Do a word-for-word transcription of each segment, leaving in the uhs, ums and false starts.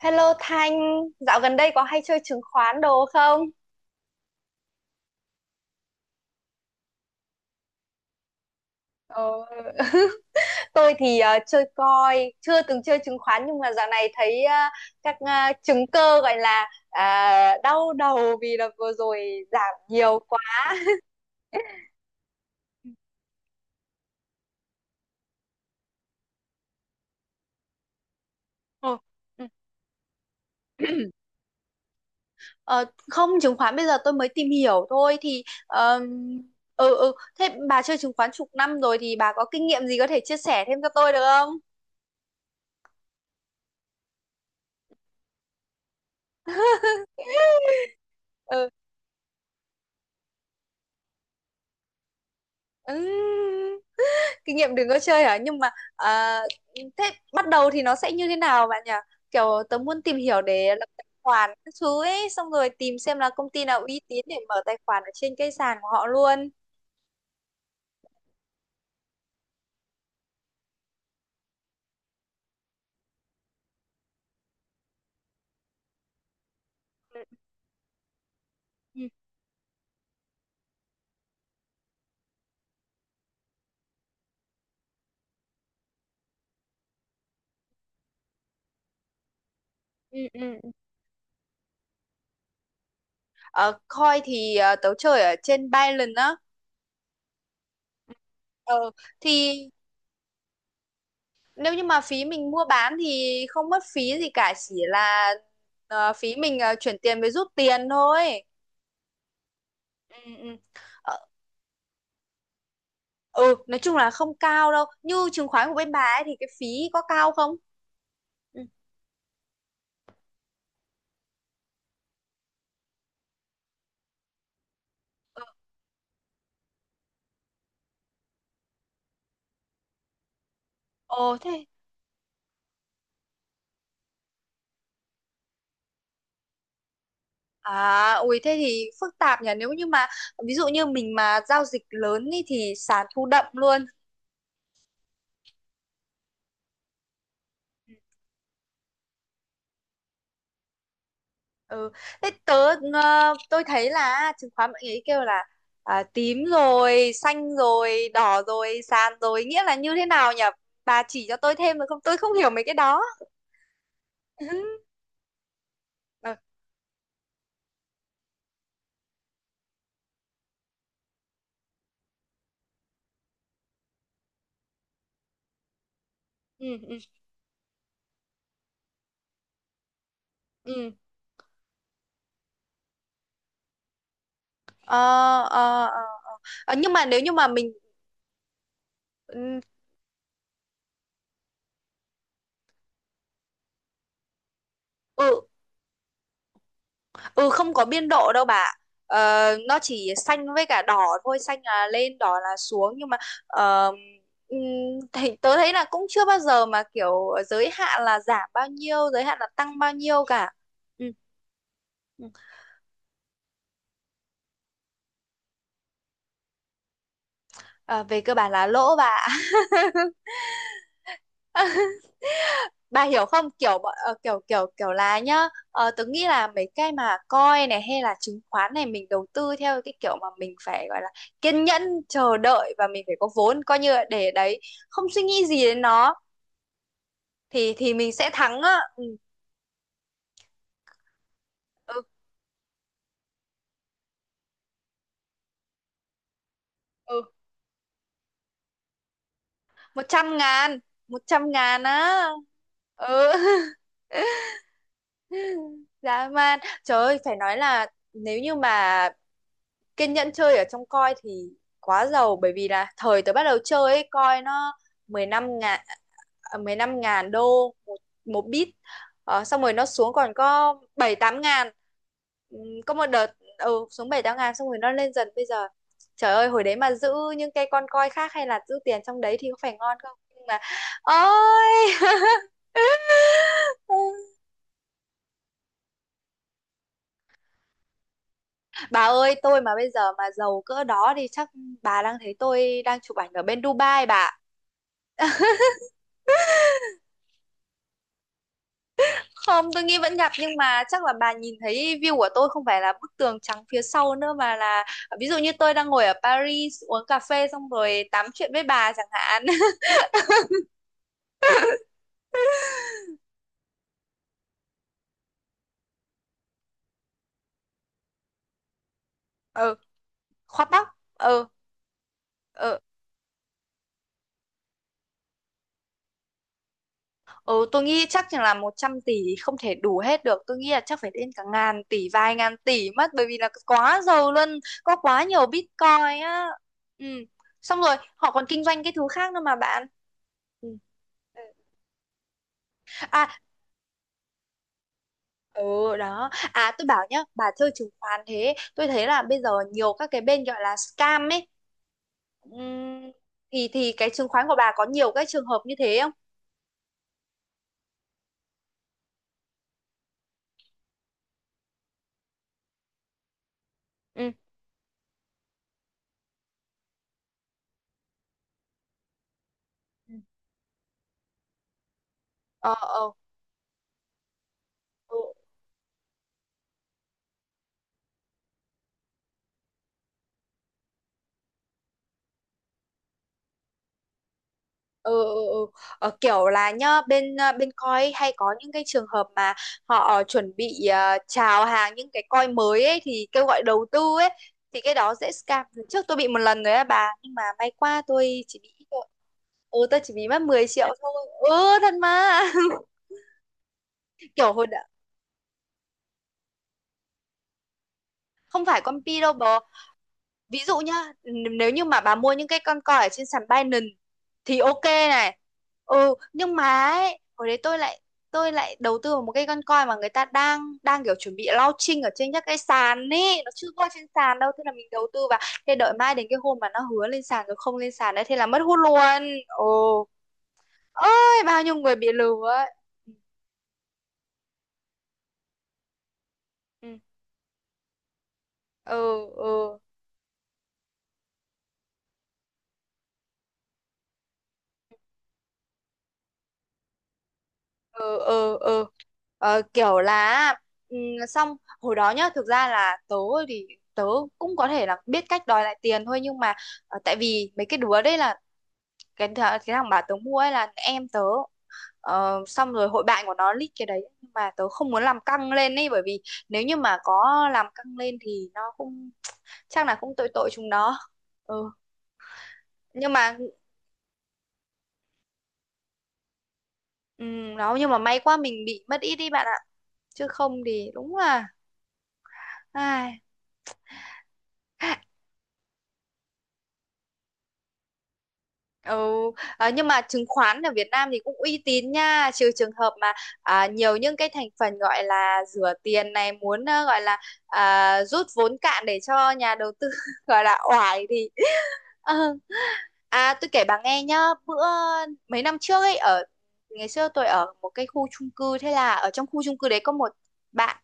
Hello Thanh, dạo gần đây có hay chơi chứng khoán đồ không? Ờ, tôi thì ờ, chơi coin, chưa từng chơi chứng khoán nhưng mà dạo này thấy ờ, các ờ, chứng cơ gọi là à, đau đầu vì là vừa rồi giảm nhiều quá. Ờ, ừ. Ờ, Không, chứng khoán bây giờ tôi mới tìm hiểu thôi thì ờm, ừ ừ thế bà chơi chứng khoán chục năm rồi thì bà có kinh nghiệm gì có thể chia sẻ thêm cho tôi được không? Ừ. Ừ. Kinh nghiệm đừng có chơi hả? Nhưng mà à, thế bắt đầu thì nó sẽ như thế nào bạn nhỉ? Kiểu tớ muốn tìm hiểu để lập tài khoản các thứ ấy, xong rồi tìm xem là công ty nào uy tín để mở tài khoản ở trên cái sàn của họ luôn. ừ, ừ, ừ, ừ. Ờ, Coin thì ờ, tớ chơi ở trên Binance á. Ờ, thì Nếu như mà phí mình mua bán thì không mất phí gì cả, chỉ là ờ, phí mình ờ, chuyển tiền với rút tiền thôi. ừ, ừ. Ừ, nói chung là không cao đâu. Như chứng khoán của bên bà ấy thì cái phí có cao không? Ừ. Ồ thế. À ui thế thì phức tạp nhỉ. Nếu như mà ví dụ như mình mà giao dịch lớn ý, thì sàn thu đậm luôn. ừ thế tớ ờ, tôi thấy là chứng khoán mọi người ấy kêu là à, tím rồi xanh rồi đỏ rồi sàn rồi, nghĩa là như thế nào nhỉ? Bà chỉ cho tôi thêm được không, tôi không hiểu mấy cái đó. ừ ừ ừ ừ. ờ ờ ờ ờ. Ờ, nhưng mà nếu như mà mình Ừ, ừ, ừ, không có biên độ đâu bà. Ờ, nó chỉ xanh với cả đỏ thôi, xanh là lên, đỏ là xuống. Nhưng mà ờ, ừm, thì tớ thấy là cũng chưa bao giờ mà kiểu giới hạn là giảm bao nhiêu, giới hạn là tăng bao nhiêu cả. Ừ. ừ. Ờ, về cơ bản là lỗ bà. Bà hiểu không? Kiểu bọn- ờ, kiểu kiểu kiểu là nhá, ờ, tớ nghĩ là mấy cái mà coin này hay là chứng khoán này, mình đầu tư theo cái kiểu mà mình phải gọi là kiên nhẫn, chờ đợi, và mình phải có vốn coi như là để đấy, không suy nghĩ gì đến nó thì thì mình sẽ thắng á. ừ ừ ừ Một trăm ngàn. Một trăm ngàn á. Ừ. Dã man, trời ơi, phải nói là nếu như mà kiên nhẫn chơi ở trong coi thì quá giàu. Bởi vì là thời tớ bắt đầu chơi ấy, coi nó mười lăm ngàn, à, mười lăm ngàn đô một, một bit. Ờ, xong rồi nó xuống còn có bảy tám ngàn. Ừm, có một đợt, ừ, xuống bảy tám ngàn, xong rồi nó lên dần bây giờ. Trời ơi, hồi đấy mà giữ những cái con coi khác hay là giữ tiền trong đấy thì có phải ngon không? Nhưng mà ôi. Bà ơi, tôi mà bây giờ mà giàu cỡ đó thì chắc bà đang thấy tôi đang chụp ảnh ở bên Dubai bà. Ạ. Không, tôi nghĩ vẫn gặp nhưng mà chắc là bà nhìn thấy view của tôi không phải là bức tường trắng phía sau nữa, mà là ví dụ như tôi đang ngồi ở Paris uống cà phê xong rồi tám chuyện với bà chẳng hạn. Ừ, khoát tóc. Ừ, ừ. Ừ, tôi nghĩ chắc chừng là một trăm tỷ không thể đủ hết được. Tôi nghĩ là chắc phải đến cả ngàn tỷ, vài ngàn tỷ mất. Bởi vì là quá giàu luôn, có quá nhiều Bitcoin á. Ừ. Xong rồi, họ còn kinh doanh cái thứ khác nữa mà bạn. Ừ. À, ừ đó. À, tôi bảo nhá, bà chơi chứng khoán thế. Tôi thấy là bây giờ nhiều các cái bên gọi là scam ấy. Ừm, thì thì cái chứng khoán của bà có nhiều cái trường hợp như thế không? Ừ. Ừ. Ờ, ờ, ừ. ừ. ừ, ừ, ừ. Ờ, kiểu là nhá, bên à, bên coi hay có những cái trường hợp mà họ ờ, chuẩn bị à, chào hàng những cái coi mới ấy thì kêu gọi đầu tư ấy, thì cái đó dễ scam. Lần trước tôi bị một lần rồi á bà, nhưng mà may qua tôi chỉ bị ít thôi. Ừ, tôi chỉ bị mất mười triệu thôi. Ừ thật mà. kiểu hồi đã Không phải con pi đâu bố. Ví dụ nhá, nếu như mà bà mua những cái con coi ở trên sàn Binance thì ok này. Ừ, nhưng mà ấy, hồi đấy tôi lại tôi lại đầu tư vào một cái con coi mà người ta đang đang kiểu chuẩn bị launching ở trên các cái sàn ấy, nó chưa có trên sàn đâu, thế là mình đầu tư vào. Thế đợi mai đến cái hôm mà nó hứa lên sàn rồi không lên sàn đấy, thế là mất hút luôn. Ồ ơi bao nhiêu người bị lừa ấy. ừ ừ ừ ừ. ừ ừ ừ Ờ, kiểu là ừ, xong hồi đó nhá, thực ra là tớ thì tớ cũng có thể là biết cách đòi lại tiền thôi, nhưng mà ờ, tại vì mấy cái đứa đấy là cái, th cái thằng bà tớ mua ấy là em tớ. Ờ, xong rồi hội bạn của nó lít cái đấy, nhưng mà tớ không muốn làm căng lên ấy, bởi vì nếu như mà có làm căng lên thì nó cũng chắc là cũng tội tội chúng nó. ừ nhưng mà ừ, nó nhưng mà may quá mình bị mất ít đi bạn ạ, chứ không thì đúng là ai. Ừ, à, nhưng mà chứng khoán ở Việt Nam thì cũng uy tín nha, trừ trường hợp mà à, nhiều những cái thành phần gọi là rửa tiền này muốn ờ, gọi là à, rút vốn cạn để cho nhà đầu tư gọi là oải thì. Ờ. À tôi kể bà nghe nhá, bữa mấy năm trước ấy, ở ngày xưa tôi ở một cái khu chung cư, thế là ở trong khu chung cư đấy có một bạn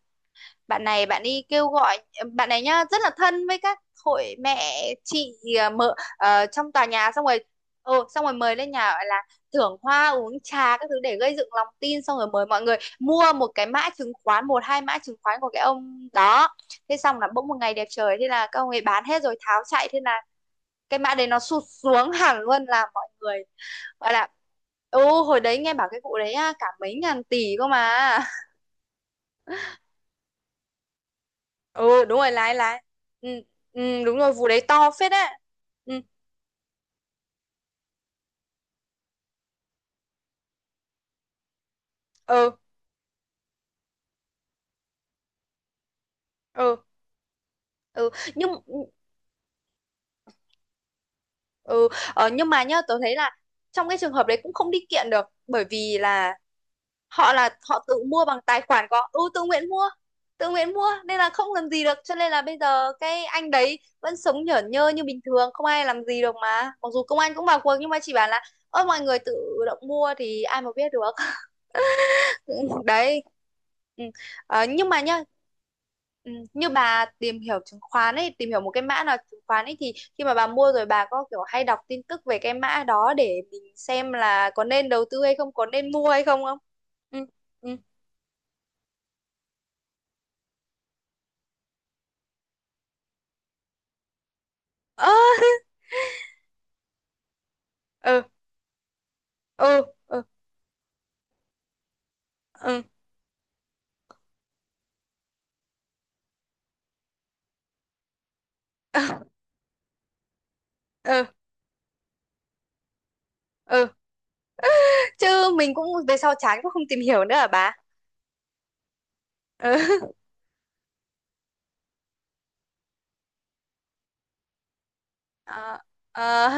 bạn này, bạn đi kêu gọi. Bạn này nhá rất là thân với các hội mẹ chị, à, mợ ờ, trong tòa nhà, xong rồi ừ, xong rồi mời lên nhà gọi là thưởng hoa uống trà các thứ để gây dựng lòng tin, xong rồi mời mọi người mua một cái mã chứng khoán, một hai mã chứng khoán của cái ông đó. Thế xong là bỗng một ngày đẹp trời thế là các ông ấy bán hết rồi tháo chạy, thế là cái mã đấy nó sụt xuống hẳn luôn, là mọi người gọi là ừ. Hồi đấy nghe bảo cái vụ đấy á, cả mấy ngàn tỷ cơ mà. Ừ đúng rồi, lái lái. ừ, ừ, đúng rồi, vụ đấy to phết đấy. Ừ ừ ừ ừ nhưng ừ Ờ, nhưng mà nhá tớ thấy là trong cái trường hợp đấy cũng không đi kiện được, bởi vì là họ là họ tự mua bằng tài khoản, có ừ tự nguyện mua. Tự nguyện mua nên là không làm gì được, cho nên là bây giờ cái anh đấy vẫn sống nhởn nhơ như bình thường, không ai làm gì được mà. Mặc dù công an cũng vào cuộc nhưng mà chỉ bảo là ơ mọi người tự động mua thì ai mà biết được. Cũng đấy. Ừ. Ờ, nhưng mà nhá, ừ, như bà tìm hiểu chứng khoán ấy, tìm hiểu một cái mã nào chứng khoán ấy, thì khi mà bà mua rồi bà có kiểu hay đọc tin tức về cái mã đó để mình xem là có nên đầu tư hay không, có nên mua hay không không? Ừ ừ ơ ừ ừ ừ ừ ừ ừ Chứ mình cũng về sau chán cũng không tìm hiểu nữa hả bà? ừ. Ờ, ờ.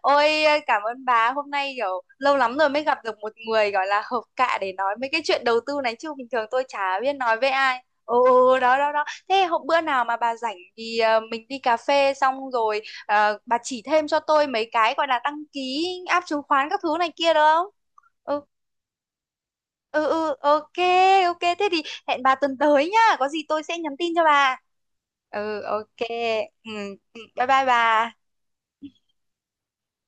Ôi cảm ơn bà, hôm nay kiểu lâu lắm rồi mới gặp được một người gọi là hợp cạ để nói mấy cái chuyện đầu tư này, chứ bình thường tôi chả biết nói với ai. Ồ ồ, đó đó đó. Thế hôm bữa nào mà bà rảnh thì ờ, mình đi cà phê xong rồi ờ, bà chỉ thêm cho tôi mấy cái gọi là đăng ký app chứng khoán các thứ này kia được không? Ừ ừ ừ ok. Ok, thế thì hẹn bà tuần tới nhá, có gì tôi sẽ nhắn tin cho bà. Ừ ok. Ừ, ừ, Bye bye bà.